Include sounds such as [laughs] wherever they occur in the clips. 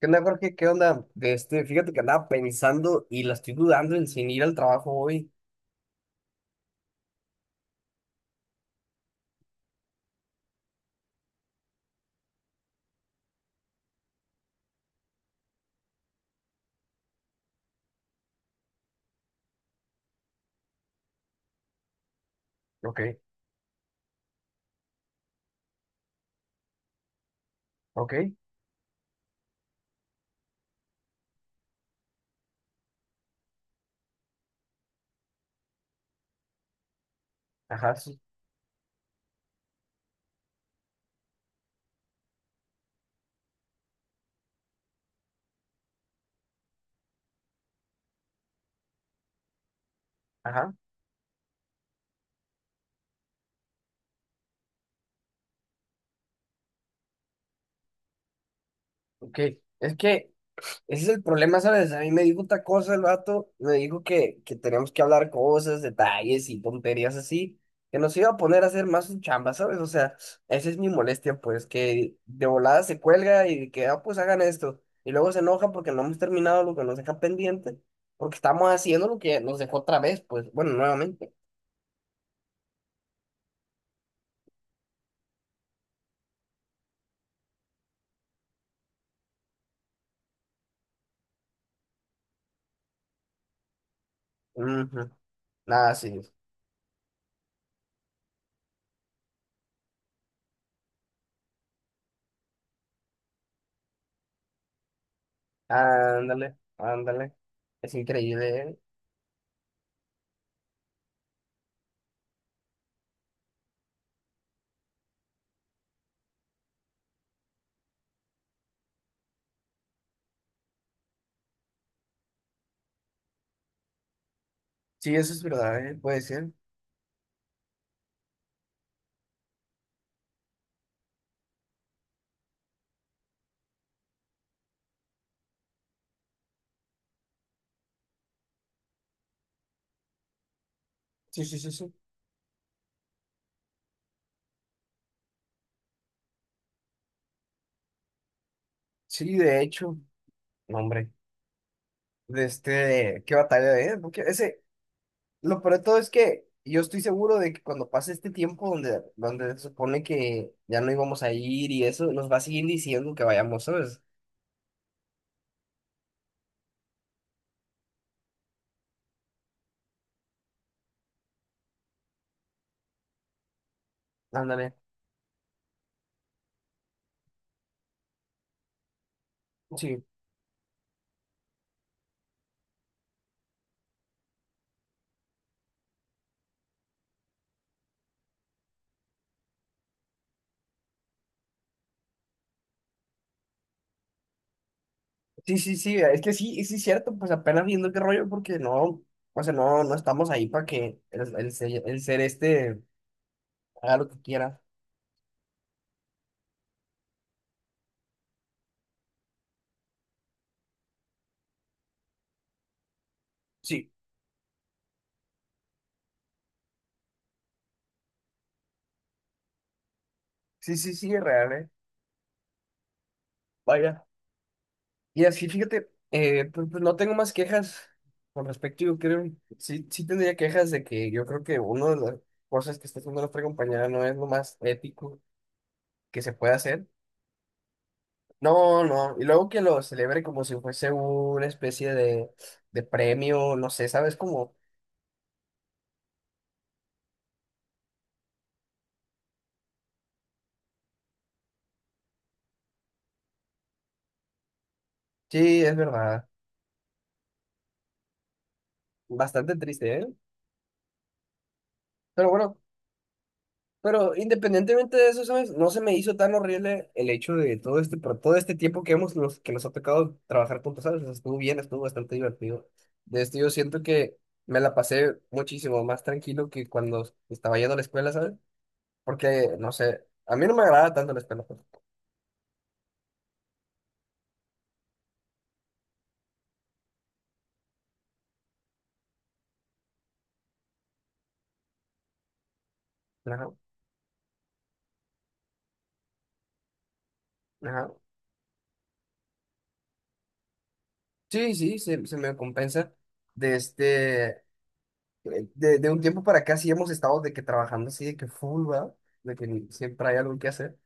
¿Qué onda, Jorge? ¿Qué onda? Fíjate que andaba pensando y la estoy dudando en sin ir al trabajo hoy. Ok, ok, ajá, sí, ajá, Ok, es que ese es el problema, ¿sabes? A mí me dijo otra cosa el vato, me dijo que teníamos que hablar cosas, detalles y tonterías así, que nos iba a poner a hacer más su chamba, ¿sabes? O sea, esa es mi molestia, pues, que de volada se cuelga y que, ah, pues hagan esto. Y luego se enoja porque no hemos terminado lo que nos deja pendiente, porque estamos haciendo lo que nos dejó otra vez, pues, bueno, nuevamente. Ujú. Nada, sí. Ándale, ándale. Es increíble, ¿eh? Sí, eso es verdad, ¿eh? Puede ser. Sí, sí, sí, sí. Sí, de hecho. No, hombre. De qué batalla, ¿eh? Porque ese, lo peor de todo es que yo estoy seguro de que cuando pase este tiempo donde se supone que ya no íbamos a ir y eso, nos va a seguir diciendo que vayamos, ¿sabes? Ándale. Sí. Sí, sí, sí. Es que sí es cierto, pues apenas viendo qué rollo, porque no, o sea, no, no estamos ahí para que el ser haga lo que quiera. Sí, sí, sí, sí, es real, ¿eh? Vaya. Y así, fíjate, pues, pues no tengo más quejas con respecto, yo creo, sí, sí tendría quejas de que yo creo que una de las cosas que está haciendo nuestra compañera no es lo más ético que se puede hacer. No, no, y luego que lo celebre como si fuese una especie de premio, no sé, ¿sabes? Como, sí, es verdad, bastante triste, ¿eh? Pero bueno, pero independientemente de eso, ¿sabes? No se me hizo tan horrible el hecho de todo por todo este tiempo que que nos ha tocado trabajar juntos, ¿sabes? O sea, estuvo bien, estuvo bastante divertido. De esto yo siento que me la pasé muchísimo más tranquilo que cuando estaba yendo a la escuela, ¿sabes? Porque, no sé, a mí no me agrada tanto la escuela, pues. Ajá, ajá. Sí, se me compensa. De de un tiempo para acá sí hemos estado de que trabajando así, de que full, ¿verdad? De que siempre hay algo que hacer.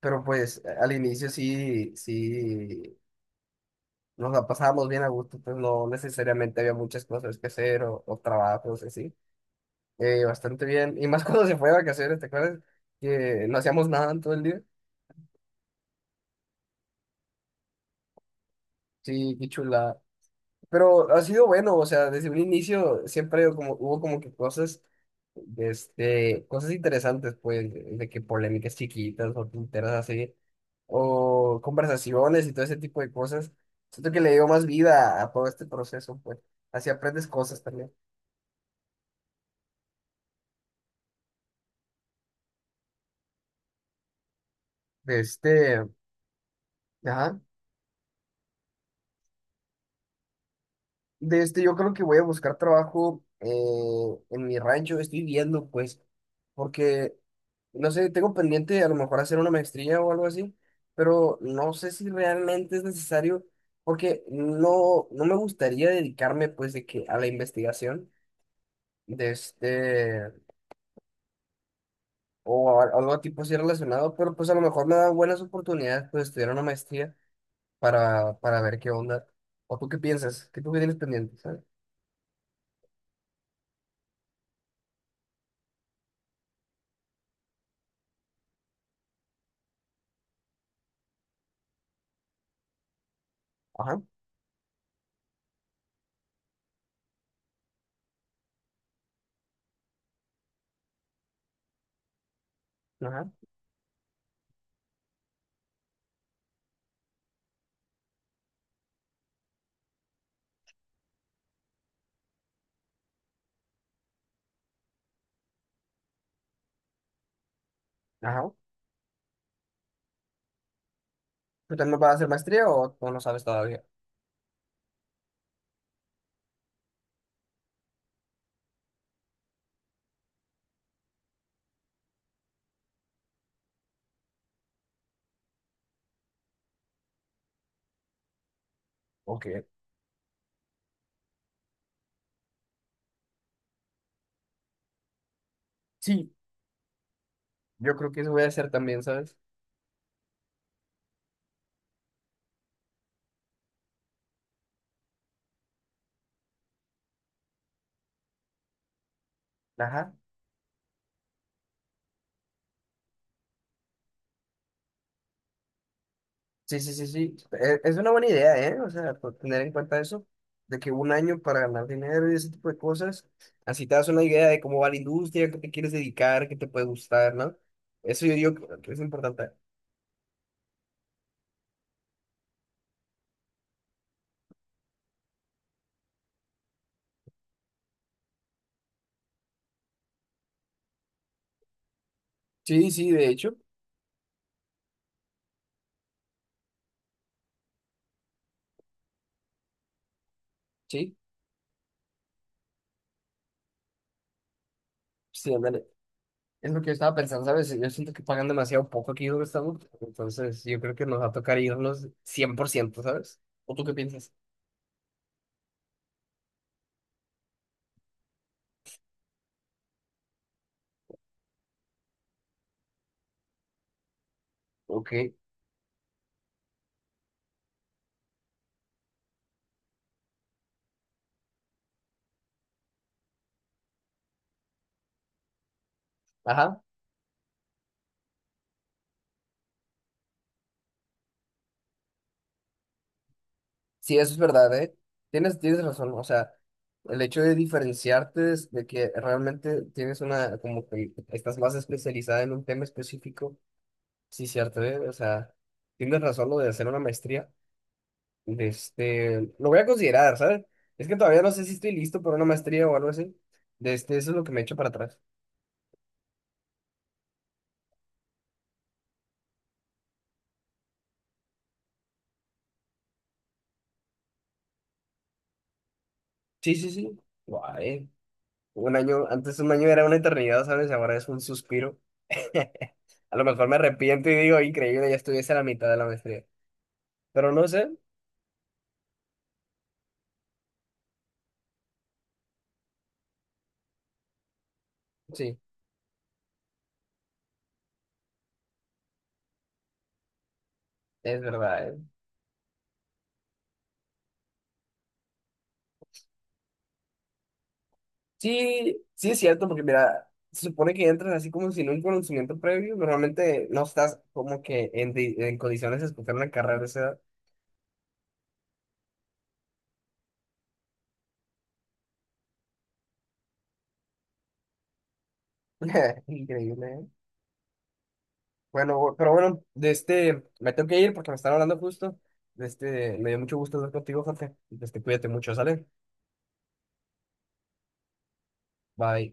Pero pues al inicio sí nos la pasábamos bien a gusto, pues no necesariamente había muchas cosas que hacer o trabajos así. Bastante bien. Y más [laughs] cuando se fue de vacaciones, ¿te acuerdas? Que no hacíamos nada en todo el día. Sí, qué chula. Pero ha sido bueno, o sea, desde un inicio siempre como, hubo como que cosas, cosas interesantes, pues, de que polémicas chiquitas o tonteras así, o conversaciones y todo ese tipo de cosas. Siento que le dio más vida a todo este proceso, pues, así aprendes cosas también. De ajá. De yo creo que voy a buscar trabajo en mi rancho. Estoy viendo, pues, porque, no sé, tengo pendiente a lo mejor hacer una maestría o algo así, pero no sé si realmente es necesario, porque no, no me gustaría dedicarme, pues, de que a la investigación de o algo tipo así relacionado, pero pues a lo mejor me dan buenas oportunidades, pues, estudiar una maestría para ver qué onda. ¿O tú qué piensas? ¿Qué tú qué tienes pendiente? ¿Sabes? Ajá, ajá, ajá. ¿Tú también vas a hacer maestría o no sabes todavía? Ok. Sí, yo creo que eso voy a hacer también, ¿sabes? Ajá. Sí, sí, sí, sí. E- Es una buena idea, ¿eh? O sea, por tener en cuenta eso, de que un año para ganar dinero y ese tipo de cosas, así te das una idea de cómo va la industria, qué te quieres dedicar, qué te puede gustar, ¿no? Eso yo digo que es importante. Sí, sí, de hecho, sí, sí, ándale. Es lo que yo estaba pensando, ¿sabes? Yo siento que pagan demasiado poco aquí donde estamos, entonces yo creo que nos va a tocar irnos 100%, ¿sabes? ¿O tú qué piensas? Ok, ajá. Sí, eso es verdad, ¿eh? Tienes, tienes razón, o sea, el hecho de diferenciarte es de que realmente tienes una, como que estás más especializada en un tema específico, sí, cierto, ¿eh? O sea, tienes razón lo de hacer una maestría, de lo voy a considerar, ¿sabes? Es que todavía no sé si estoy listo para una maestría o algo así, de eso es lo que me echo para atrás. Sí, sí, sí. Guay. Un año, antes un año era una eternidad, ¿sabes? Ahora es un suspiro. [laughs] A lo mejor me arrepiento y digo, increíble, ya estuviese a la mitad de la maestría. Pero no sé, sí, es verdad, ¿eh? Sí, sí es cierto, porque mira, se supone que entras así como sin un conocimiento previo, normalmente no estás como que en, en condiciones de escoger una carrera de esa edad. [laughs] Increíble, ¿eh? Bueno, pero bueno, de me tengo que ir porque me están hablando justo. De me dio mucho gusto hablar contigo, Jorge. De cuídate mucho, ¿sale? Bye.